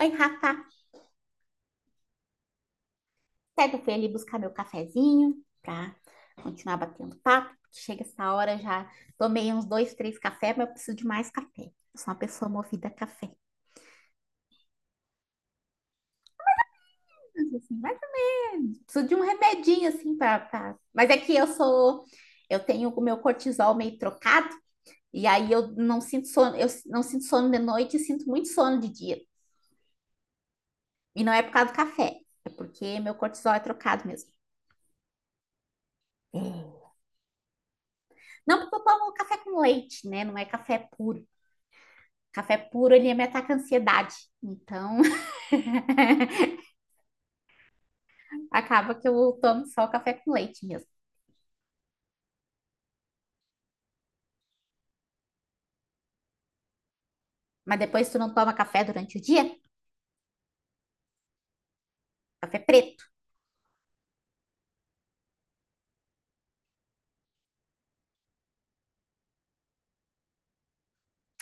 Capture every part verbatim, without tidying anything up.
Oi, Rafa. Certo, eu fui ali buscar meu cafezinho para continuar batendo papo. Chega essa hora, já tomei uns dois, três cafés, mas eu preciso de mais café. Eu sou uma pessoa movida a café. Mas, assim, mas eu preciso de um remedinho, assim, para... Pra... Mas é que eu sou... Eu tenho o meu cortisol meio trocado, e aí eu não sinto sono, eu não sinto sono de noite e sinto muito sono de dia. E não é por causa do café, é porque meu cortisol é trocado mesmo. É. Não, porque eu tomo café com leite, né? Não é café puro. Café puro, ele me ataca a ansiedade. Então, acaba que eu tomo só o café com leite mesmo. Mas depois tu não toma café durante o dia? Café preto.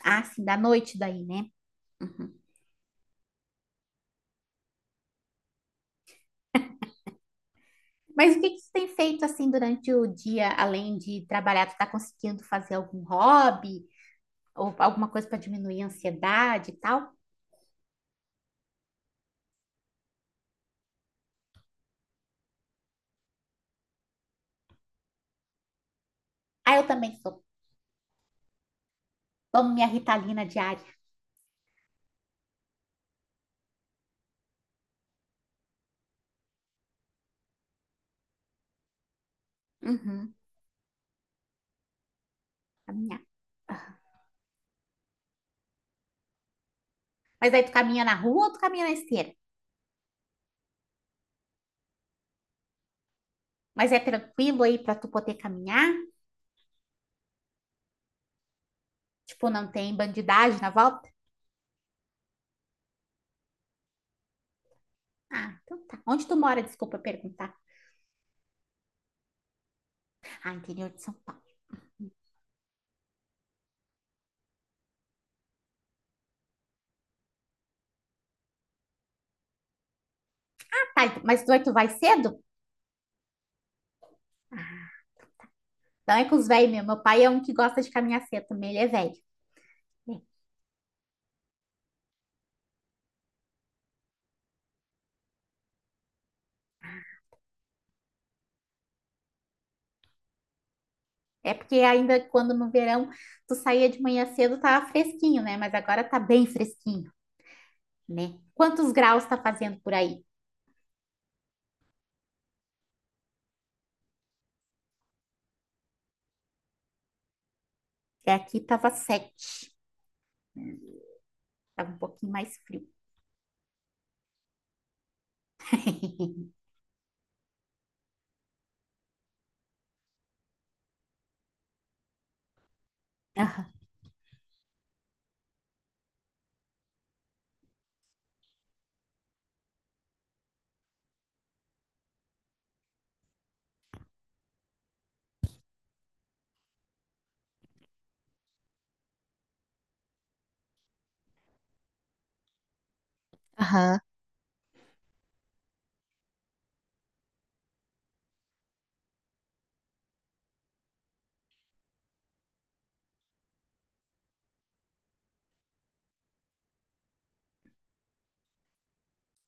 Ah, sim, da noite daí, né? Uhum. Mas o que que tu tem feito assim durante o dia, além de trabalhar? Tu tá conseguindo fazer algum hobby ou alguma coisa para diminuir a ansiedade e tal? Ah, eu também sou. Tomo minha Ritalina diária. Uhum, caminhar. Mas aí tu caminha na rua ou tu caminha na esteira? Mas é tranquilo aí para tu poder caminhar? Tipo, não tem bandidagem na volta? Ah, então tá. Onde tu mora? Desculpa perguntar. Ah, interior de São Paulo. Ah, tá, então mas tu, vai, tu vai cedo? Ah, então é com os velhos mesmo. Meu pai é um que gosta de caminhar cedo também, ele é velho. É É porque ainda quando no verão tu saía de manhã cedo tava fresquinho, né? Mas agora tá bem fresquinho, né? Quantos graus tá fazendo por aí? Porque aqui tava sete. Tava um pouquinho mais frio. Aham.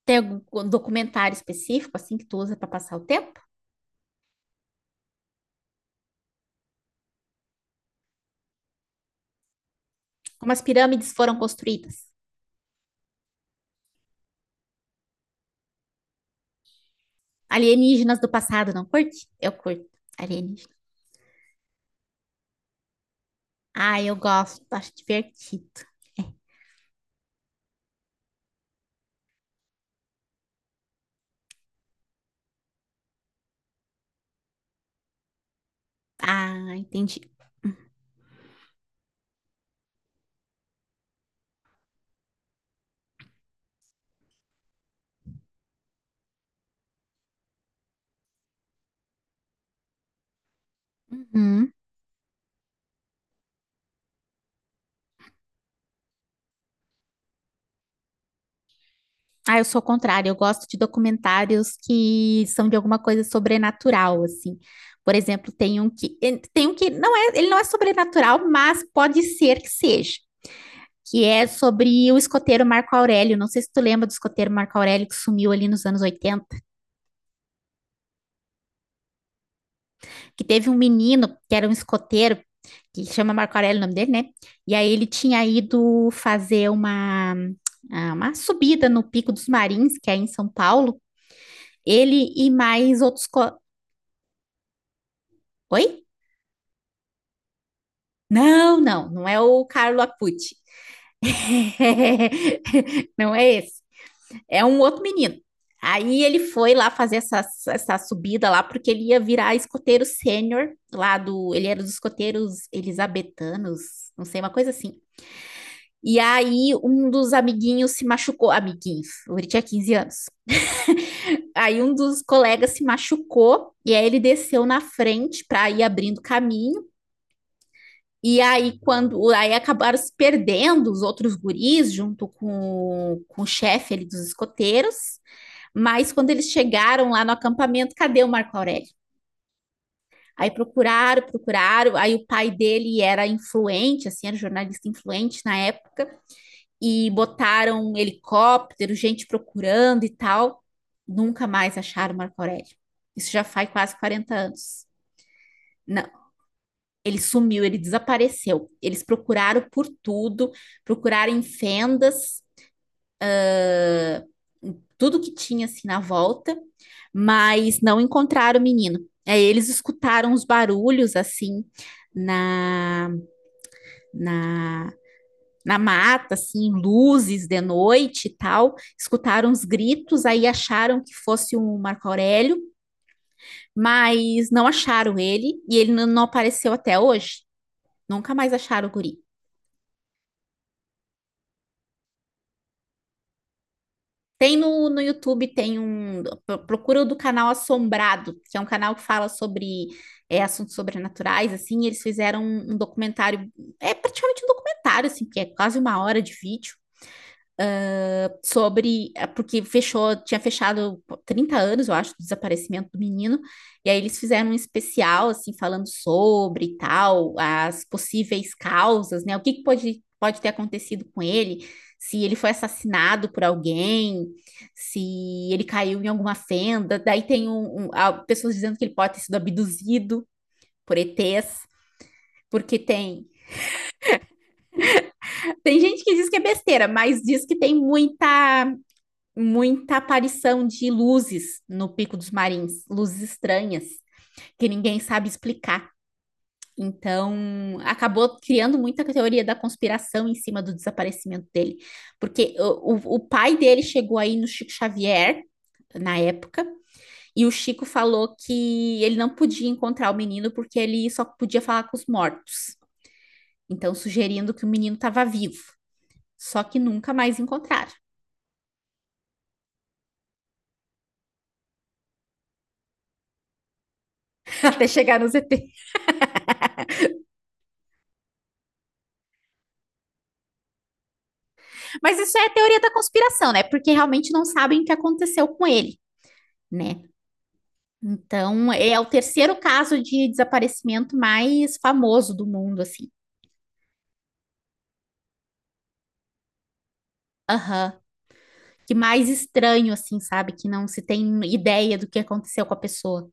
Tem algum documentário específico assim que tu usa para passar o tempo? Como as pirâmides foram construídas? Alienígenas do passado, não curte? Eu curto. Alienígena. Ah, eu gosto, acho divertido. Ah, entendi. Uhum. Ah, eu sou o contrário, eu gosto de documentários que são de alguma coisa sobrenatural, assim. Por exemplo, tem um que eh, tem um que não é, ele não é sobrenatural, mas pode ser que seja, que é sobre o escoteiro Marco Aurélio. Não sei se tu lembra do escoteiro Marco Aurélio que sumiu ali nos anos oitenta. Que teve um menino que era um escoteiro, que chama Marco Aurélio o nome dele, né? E aí ele tinha ido fazer uma, ah, uma subida no Pico dos Marins, que é em São Paulo. Ele e mais outros. co- Oi? Não, não, não é o Carlo Acuti. Não é esse. É um outro menino. Aí ele foi lá fazer essa, essa subida lá, porque ele ia virar escoteiro sênior lá do. Ele era dos escoteiros elisabetanos, não sei, uma coisa assim. E aí um dos amiguinhos se machucou, amiguinhos, ele tinha quinze anos. Aí um dos colegas se machucou e aí ele desceu na frente para ir abrindo caminho. E aí, quando aí acabaram se perdendo os outros guris junto com, com o chefe ali dos escoteiros, mas quando eles chegaram lá no acampamento, cadê o Marco Aurélio? Aí procuraram, procuraram. Aí o pai dele era influente, assim, era jornalista influente na época. E botaram um helicóptero, gente procurando e tal. Nunca mais acharam Marco Aurélio. Isso já faz quase quarenta anos. Não, ele sumiu, ele desapareceu. Eles procuraram por tudo, procuraram em fendas, uh, tudo que tinha assim na volta, mas não encontraram o menino. Aí eles escutaram os barulhos assim na, na na mata, assim, luzes de noite e tal, escutaram os gritos, aí acharam que fosse o Marco Aurélio, mas não acharam ele e ele não apareceu até hoje. Nunca mais acharam o guri. Tem no, no YouTube, tem um. Procura o do canal Assombrado, que é um canal que fala sobre é, assuntos sobrenaturais, assim, e eles fizeram um, um documentário, é praticamente um documentário, assim, que é quase uma hora de vídeo sobre. eh, Porque fechou, tinha fechado trinta anos, eu acho, do desaparecimento do menino. E aí eles fizeram um especial, assim, falando sobre e tal, as possíveis causas, né? O que que pode, pode ter acontecido com ele, se ele foi assassinado por alguém, se ele caiu em alguma fenda. Daí tem um, um- pessoas dizendo que ele pode ter sido abduzido por E tês. Porque tem. Tem gente que diz que é besteira, mas diz que tem muita muita aparição de luzes no Pico dos Marins, luzes estranhas, que ninguém sabe explicar. Então, acabou criando muita teoria da conspiração em cima do desaparecimento dele. Porque o, o, o pai dele chegou aí no Chico Xavier, na época, e o Chico falou que ele não podia encontrar o menino porque ele só podia falar com os mortos. Então, sugerindo que o menino estava vivo. Só que nunca mais encontraram, até chegar no Z T. Mas isso é teoria da conspiração, né? Porque realmente não sabem o que aconteceu com ele, né? Então, é o terceiro caso de desaparecimento mais famoso do mundo, assim. Aham. Que mais estranho, assim, sabe? Que não se tem ideia do que aconteceu com a pessoa.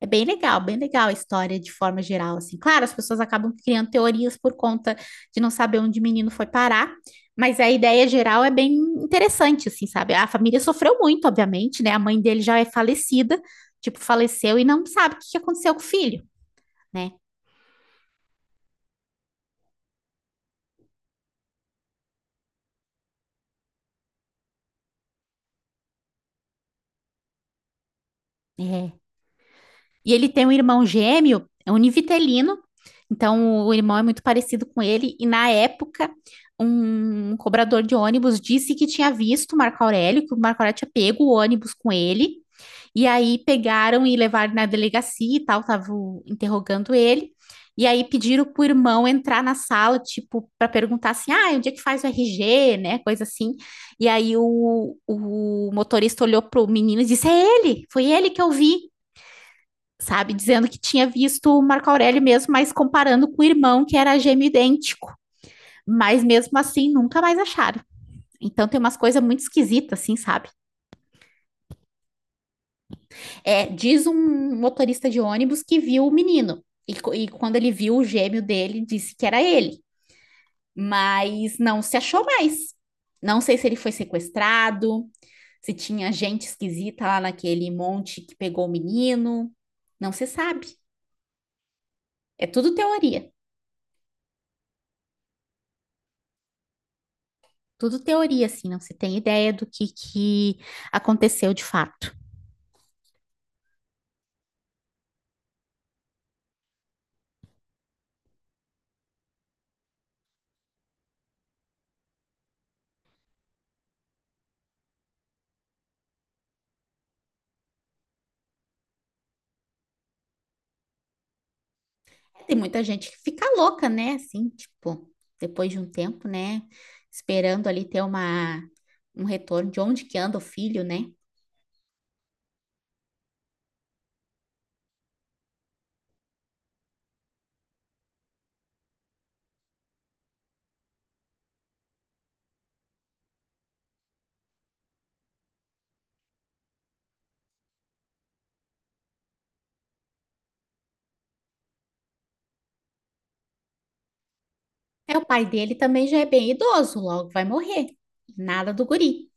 É bem legal, bem legal a história de forma geral, assim. Claro, as pessoas acabam criando teorias por conta de não saber onde o menino foi parar, mas a ideia geral é bem interessante, assim, sabe? A família sofreu muito, obviamente, né? A mãe dele já é falecida, tipo, faleceu e não sabe o que que aconteceu com o filho, né? É. E ele tem um irmão gêmeo, é univitelino, então o irmão é muito parecido com ele, e na época um cobrador de ônibus disse que tinha visto o Marco Aurélio, que o Marco Aurélio tinha pego o ônibus com ele. E aí pegaram e levaram na delegacia e tal, estavam interrogando ele. E aí pediram pro irmão entrar na sala, tipo, para perguntar assim: ah, onde é que faz o R G, né? Coisa assim. E aí o, o motorista olhou pro menino e disse: é ele, foi ele que eu vi, sabe? Dizendo que tinha visto o Marco Aurélio mesmo, mas comparando com o irmão, que era gêmeo idêntico. Mas mesmo assim, nunca mais acharam. Então tem umas coisas muito esquisitas, assim, sabe? É, diz um motorista de ônibus que viu o menino. E, co- e quando ele viu o gêmeo dele, disse que era ele. Mas não se achou mais. Não sei se ele foi sequestrado, se tinha gente esquisita lá naquele monte que pegou o menino. Não se sabe. É tudo teoria. Tudo teoria, assim, não se tem ideia do que, que aconteceu de fato. Tem muita gente que fica louca, né? Assim, tipo, depois de um tempo, né? Esperando ali ter uma, um retorno de onde que anda o filho, né? É, o pai dele também já é bem idoso, logo vai morrer. Nada do guri.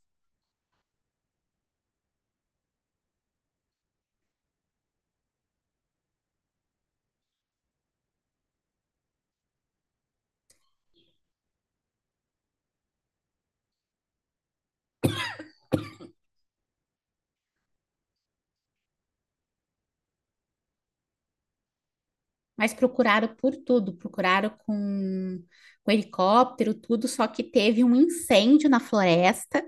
Mas procuraram por tudo, procuraram com, com helicóptero, tudo, só que teve um incêndio na floresta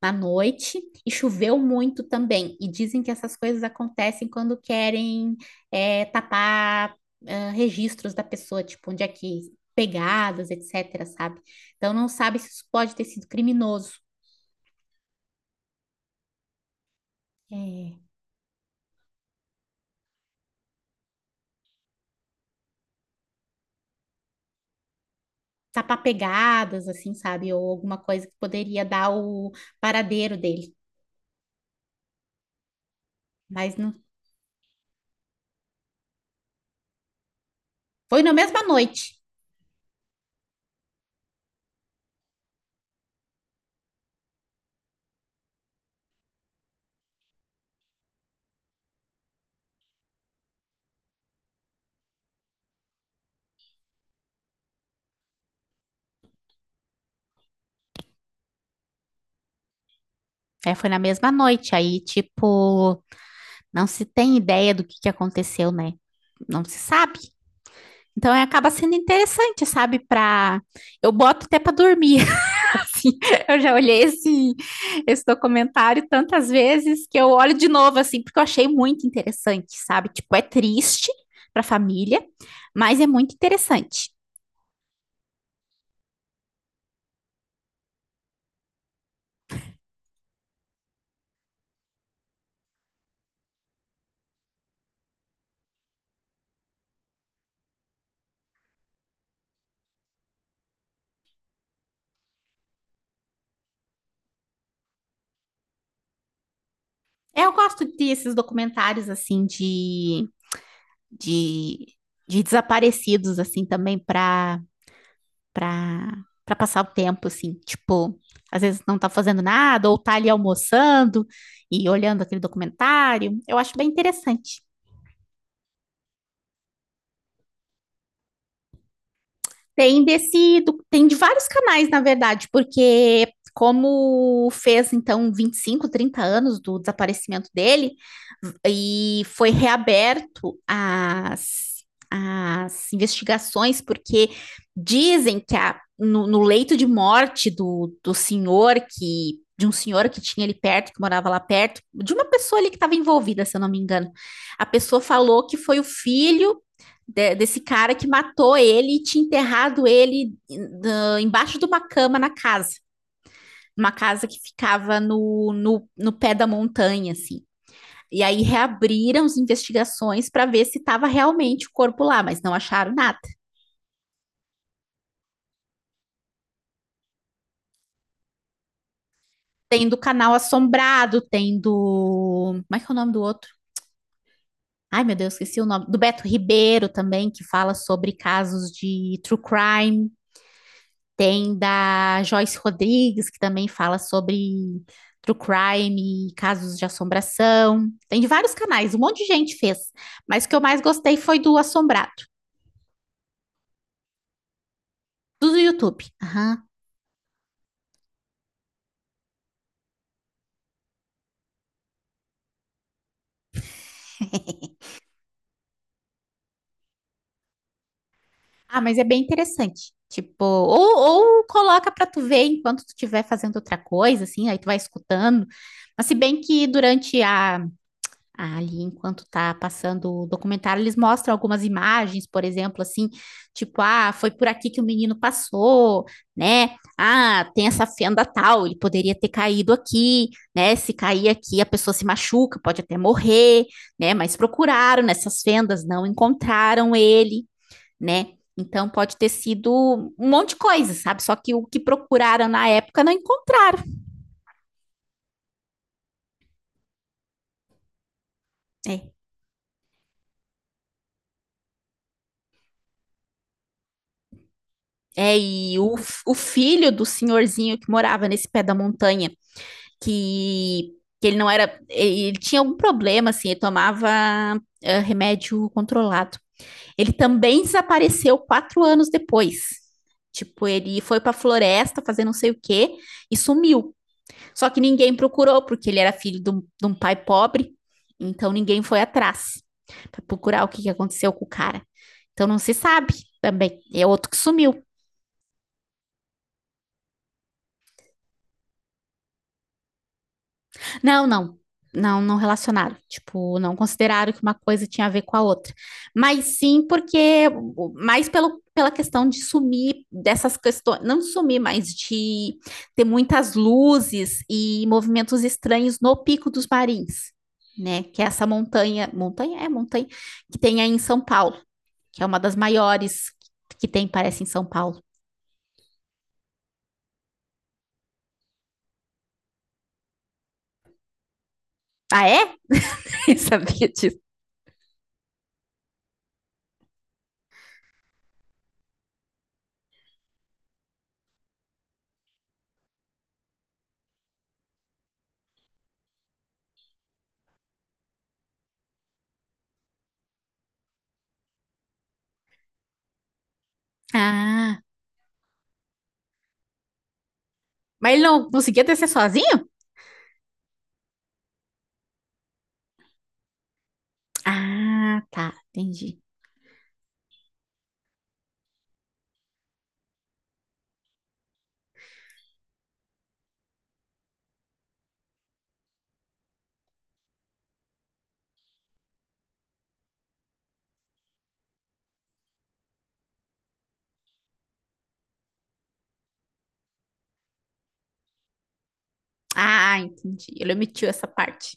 na noite e choveu muito também. E dizem que essas coisas acontecem quando querem é, tapar ah, registros da pessoa, tipo, onde é que pegadas, etc, sabe? Então não sabe se isso pode ter sido criminoso. É, tapar pegadas, assim, sabe? Ou alguma coisa que poderia dar o paradeiro dele. Mas não foi na mesma noite. É, foi na mesma noite. Aí, tipo, não se tem ideia do que que aconteceu, né? Não se sabe. Então, é, acaba sendo interessante, sabe? Pra... Eu boto até pra dormir, assim. Eu já olhei esse, esse documentário tantas vezes que eu olho de novo, assim, porque eu achei muito interessante, sabe? Tipo, é triste pra família, mas é muito interessante. É, eu gosto desses documentários, assim, de, de, de desaparecidos, assim, também pra pra, pra passar o tempo, assim. Tipo, às vezes não tá fazendo nada, ou tá ali almoçando e olhando aquele documentário. Eu acho bem interessante. Tem desse, do- tem de vários canais, na verdade, porque como fez então vinte e cinco trinta anos do desaparecimento dele e foi reaberto as, as investigações, porque dizem que a- no, no leito de morte do, do senhor que de um senhor que tinha ali perto, que morava lá perto, de uma pessoa ali que estava envolvida, se eu não me engano. A pessoa falou que foi o filho de- desse cara que matou ele e tinha enterrado ele na- embaixo de uma cama na casa. Uma casa que ficava no, no, no pé da montanha, assim. E aí reabriram as investigações para ver se estava realmente o corpo lá, mas não acharam nada. Tem do Canal Assombrado, tem do. Como é que é o nome do outro? Ai, meu Deus, esqueci o nome. Do Beto Ribeiro também, que fala sobre casos de true crime. Tem da Joyce Rodrigues, que também fala sobre true crime, casos de assombração. Tem de vários canais, um monte de gente fez. Mas o que eu mais gostei foi do Assombrado, do YouTube. Aham. Ah, mas é bem interessante. Tipo, ou, ou coloca pra tu ver enquanto tu estiver fazendo outra coisa, assim, aí tu vai escutando. Mas se bem que durante a ali, enquanto tá passando o documentário, eles mostram algumas imagens, por exemplo, assim, tipo, ah, foi por aqui que o menino passou, né? Ah, tem essa fenda tal, ele poderia ter caído aqui, né? Se cair aqui, a pessoa se machuca, pode até morrer, né? Mas procuraram nessas fendas, não encontraram ele, né? Então pode ter sido um monte de coisa, sabe? Só que o que procuraram na época não encontraram. É, É, e o, f- o filho do senhorzinho que morava nesse pé da montanha, que, que ele não era. Ele, ele tinha algum problema, assim, ele tomava eh, remédio controlado. Ele também desapareceu quatro anos depois. Tipo, ele foi pra floresta fazer não sei o quê e sumiu. Só que ninguém procurou, porque ele era filho de um, de um pai pobre, então ninguém foi atrás pra procurar o que que aconteceu com o cara. Então não se sabe também. É outro que sumiu. Não, não. Não, não relacionaram. Tipo, não consideraram que uma coisa tinha a ver com a outra. Mas sim porque, mais pelo, pela questão de sumir dessas questões, não sumir, mas de ter muitas luzes e movimentos estranhos no Pico dos Marins, né? Que é essa montanha, montanha? É montanha, que tem aí em São Paulo, que é uma das maiores que tem, parece, em São Paulo. Ah, é? Eu sabia disso. Ah, mas ele não conseguia descer sozinho? Ah, tá, entendi. Ah, entendi. Ele omitiu essa parte.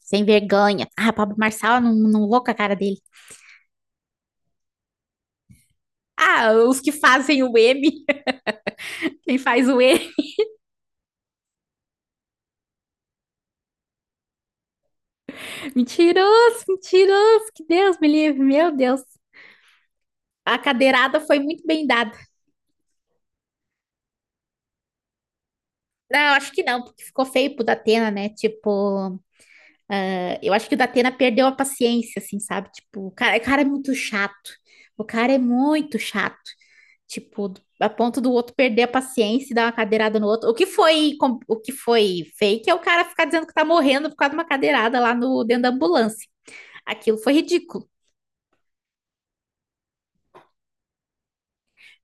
Sem vergonha. Ah, Pablo Marçal, não, não vou com a cara dele. Ah, os que fazem o M, quem faz o E. Mentiroso, mentiroso, que Deus me livre, meu Deus. A cadeirada foi muito bem dada. Não, acho que não, porque ficou feio pro Datena, né? Tipo, eh, eu acho que o Datena perdeu a paciência, assim, sabe? Tipo, o cara, o cara é muito chato. O cara é muito chato. Tipo, a ponto do outro perder a paciência e dar uma cadeirada no outro. O que foi, com- o que foi fake é o cara ficar dizendo que tá morrendo por causa de uma cadeirada lá no dentro da ambulância. Aquilo foi ridículo.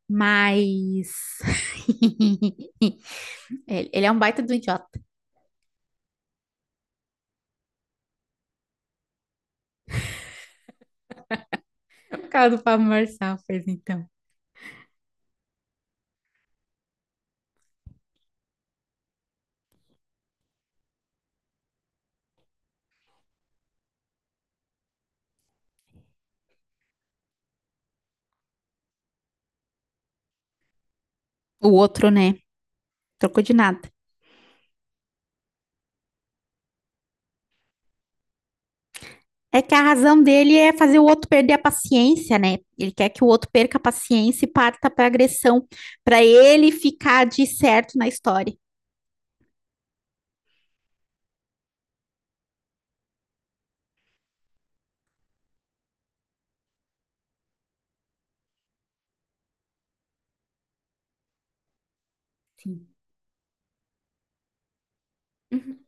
Mas ele ele é um baita do idiota. O cara do Pablo Marçal fez então. O outro, né? Trocou de nada. É que a razão dele é fazer o outro perder a paciência, né? Ele quer que o outro perca a paciência e parta pra agressão, pra ele ficar de certo na história. Sim. Uhum.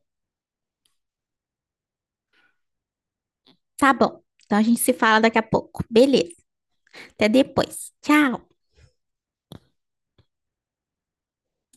Tá bom. Então a gente se fala daqui a pouco. Beleza. Até depois. Tchau.